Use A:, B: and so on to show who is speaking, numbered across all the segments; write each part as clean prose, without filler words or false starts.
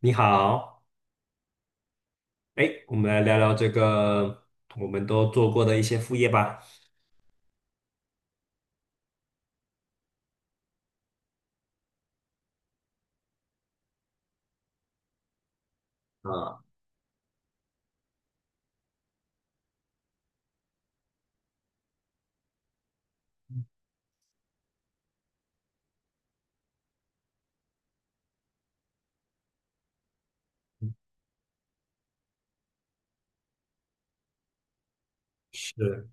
A: 你好，哎，我们来聊聊这个我们都做过的一些副业吧。啊，是，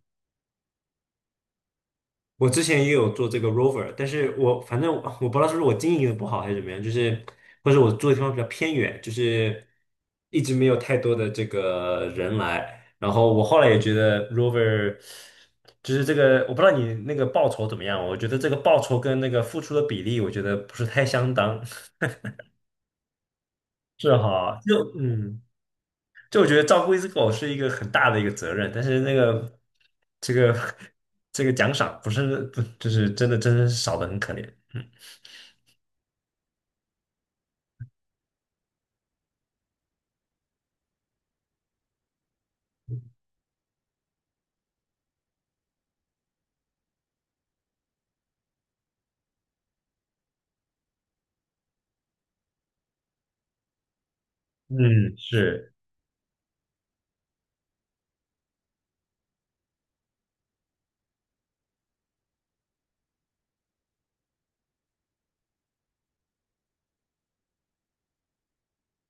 A: 我之前也有做这个 rover，但是我反正我不知道是不是我经营的不好还是怎么样，就是或者我住的地方比较偏远，就是一直没有太多的这个人来。然后我后来也觉得 rover 就是这个，我不知道你那个报酬怎么样，我觉得这个报酬跟那个付出的比例，我觉得不是太相当。是哈，就嗯。就我觉得照顾一只狗是一个很大的一个责任，但是那个这个 这个奖赏不是不就是真的真的是少的很可怜。嗯嗯是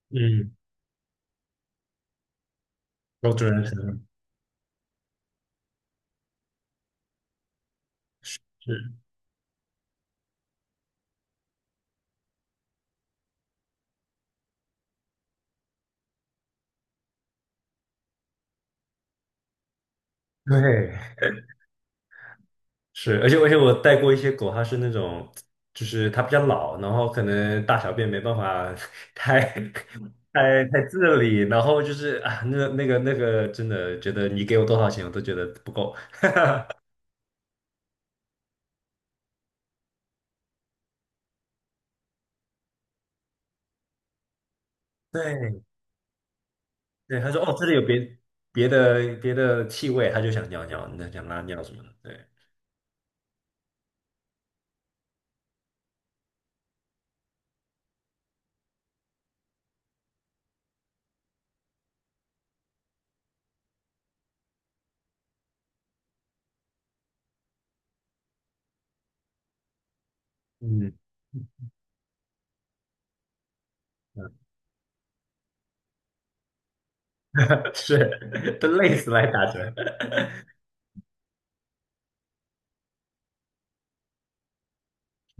A: 嗯，狗主人可能是对是，而且我带过一些狗，它是那种就是它比较老，然后可能大小便没办法 太太自理，然后就是啊那个真的觉得你给我多少钱我都觉得不够。对对，他说哦，这里有别的气味，他就想尿尿，那想拉尿什么的，对，嗯，是，都累死来打折，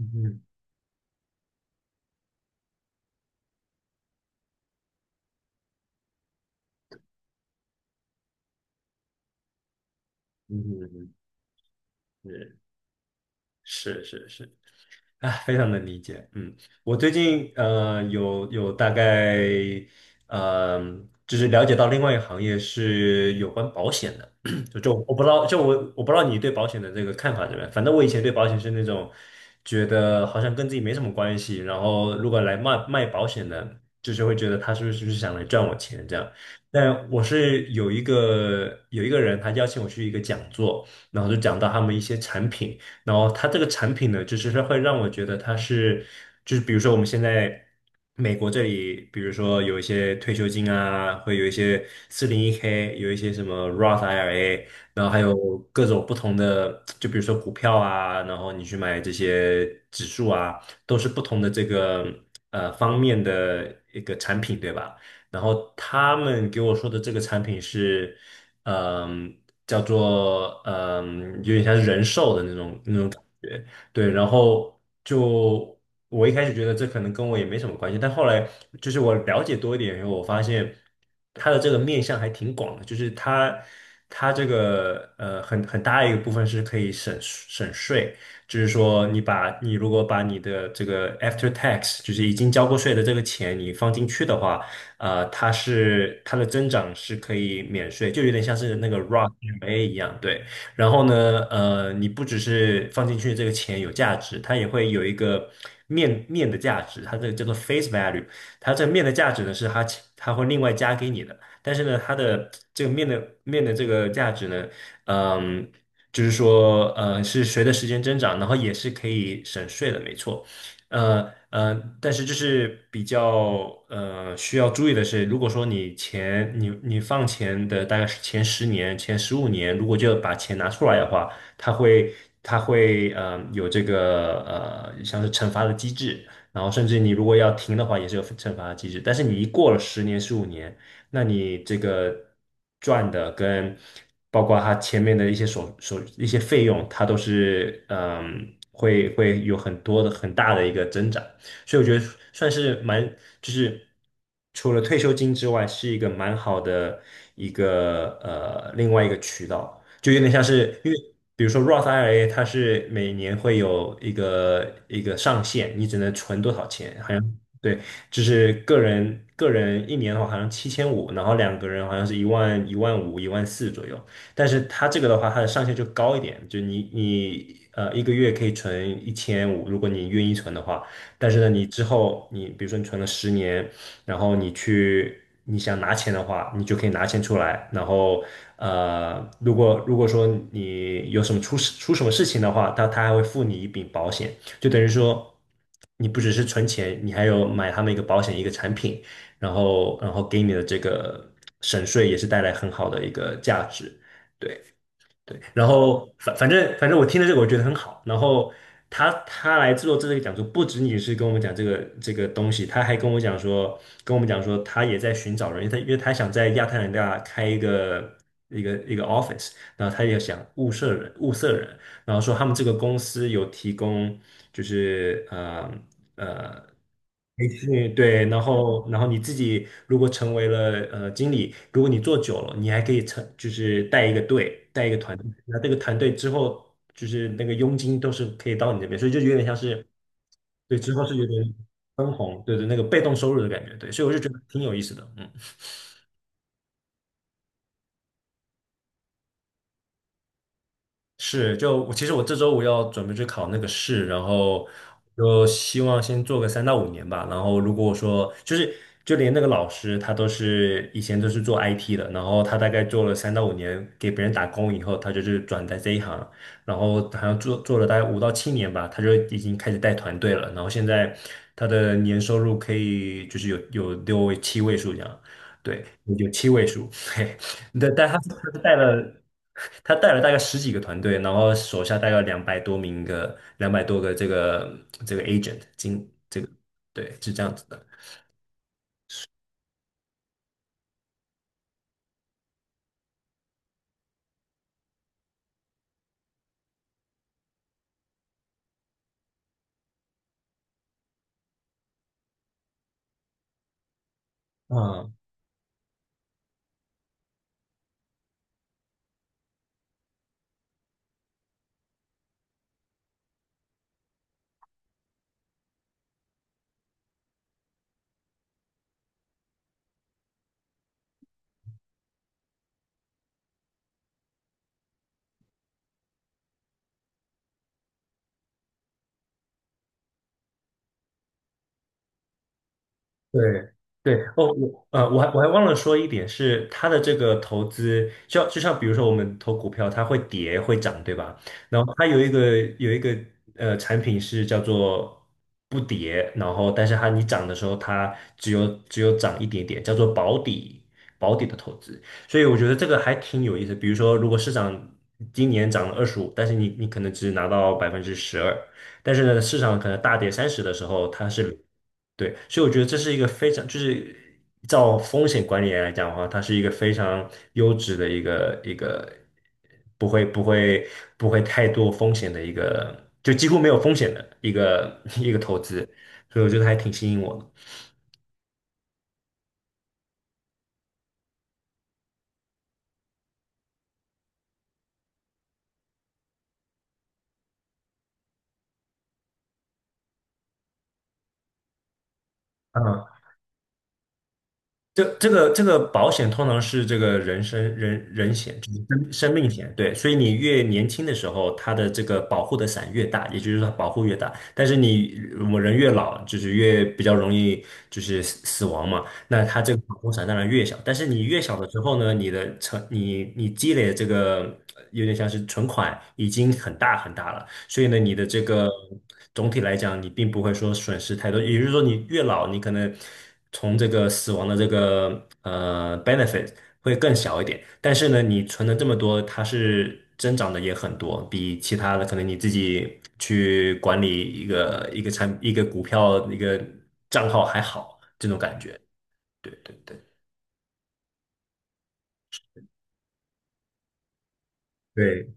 A: 嗯嗯嗯，是是是是。啊，非常能理解。嗯，我最近有大概呃就是了解到另外一个行业是有关保险的，就我不知道，就我不知道你对保险的这个看法怎么样。反正我以前对保险是那种觉得好像跟自己没什么关系，然后如果来卖保险的，就是会觉得他是不是想来赚我钱这样。但我是有一个人，他邀请我去一个讲座，然后就讲到他们一些产品。然后它这个产品呢，就是它会让我觉得它是，就是比如说我们现在美国这里，比如说有一些退休金啊，会有一些401k 有一些什么 Roth IRA，然后还有各种不同的，就比如说股票啊，然后你去买这些指数啊，都是不同的这个方面的一个产品，对吧？然后他们给我说的这个产品是。嗯，叫做嗯，有点像是人寿的那种感觉。对，然后就我一开始觉得这可能跟我也没什么关系，但后来就是我了解多一点以后，我发现它的这个面向还挺广的，就是它这个很大一个部分是可以省税，就是说你把你如果把你的这个 after tax，就是已经交过税的这个钱你放进去的话。它的增长是可以免税，就有点像是那个 Roth IRA 一样，对。然后呢，你不只是放进去这个钱有价值，它也会有一个面的价值，它这个叫做 face value，它这个面的价值呢是它会另外加给你的，但是呢，它的这个面的这个价值呢，嗯，就是说，是随着时间增长，然后也是可以省税的，没错。呃呃，但是这是比较需要注意的是，如果说你前你你放钱的大概是前10年、前15年，如果就把钱拿出来的话，它会它会有这个像是惩罚的机制，然后甚至你如果要停的话，也是有惩罚的机制。但是你一过了10年、15年，那你这个赚的跟包括它前面的一些所一些费用，它都是会有很多的很大的一个增长，所以我觉得算是蛮就是除了退休金之外，是一个蛮好的一个另外一个渠道，就有点像是因为。比如说 Roth IRA，它是每年会有一个上限，你只能存多少钱，好像。对。就是个人一年的话好像7500，然后两个人好像是一万一万五一万四左右。但是它这个的话，它的上限就高一点，就你一个月可以存1500，如果你愿意存的话。但是呢，你之后你比如说你存了十年，然后你去你想拿钱的话，你就可以拿钱出来。然后如果说你有什么出什么事情的话，他还会付你一笔保险，就等于说。你不只是存钱，你还有买他们一个保险一个产品，然后给你的这个省税也是带来很好的一个价值，对对。然后反正我听了这个我觉得很好，然后他来做这个讲座，不仅仅是跟我们讲这个东西，他还跟我们讲说他也在寻找人，因为他想在亚特兰大开一个 office，然后他也想物色人。然后说他们这个公司有提供就是呃培训，对，然后你自己如果成为了经理，如果你做久了，你还可以就是带一个队，带一个团队，那这个团队之后就是那个佣金都是可以到你这边，所以就有点像是对之后是有点分红，对对，那个被动收入的感觉，对，所以我就觉得挺有意思的，嗯。是，其实我这周五要准备去考那个试，然后就希望先做个三到五年吧。然后如果说就是就连那个老师他都是以前都是做 IT 的，然后他大概做了三到五年给别人打工以后，他就是转在这一行，然后好像做了大概5到7年吧，他就已经开始带团队了。然后现在他的年收入可以就是有六位七位数这样，对，有七位数。对，但他他带了他带了大概十几个团队，然后手下大概200多个这个 agent 经这个对是这样子的。嗯。对对哦，我还忘了说一点是，它的这个投资，就像比如说我们投股票，它会跌会涨，对吧？然后它有有一个产品是叫做不跌，然后但是它你涨的时候，它只有涨一点点，叫做保底的投资。所以我觉得这个还挺有意思。比如说，如果市场今年涨了25，但是你可能只拿到12%，但是呢，市场可能大跌30的时候，它是对，所以我觉得这是一个非常，就是照风险管理来讲的话，它是一个非常优质的一个，不会不会不会太多风险的一个，就几乎没有风险的一个 一个投资，所以我觉得还挺吸引我的。嗯。这个保险通常是这个人身人人险，就是生命险，对，所以你越年轻的时候，它的这个保护的伞越大，也就是说保护越大。但是我们人越老，就是越比较容易就是死亡嘛，那它这个保护伞当然越小。但是你越小的时候呢，你积累的这个有点像是存款已经很大很大了。所以呢，你的这个总体来讲，你并不会说损失太多。也就是说，你越老，你可能从这个死亡的这个benefit 会更小一点。但是呢，你存了这么多，它是增长的也很多，比其他的可能你自己去管理一个股票一个账号还好，这种感觉。对对对，对，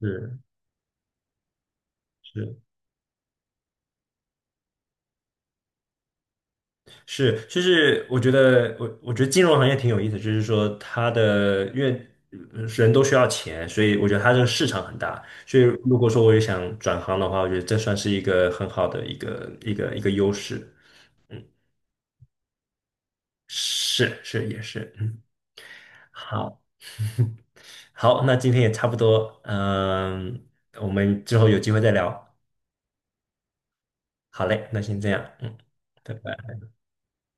A: 是是。是，就是我觉得金融行业挺有意思，就是说因为人都需要钱，所以我觉得它这个市场很大。所以如果说我也想转行的话，我觉得这算是一个很好的一个优势。嗯，是是也是，嗯，好 好，那今天也差不多，嗯，我们之后有机会再聊。好嘞，那先这样，嗯，拜拜。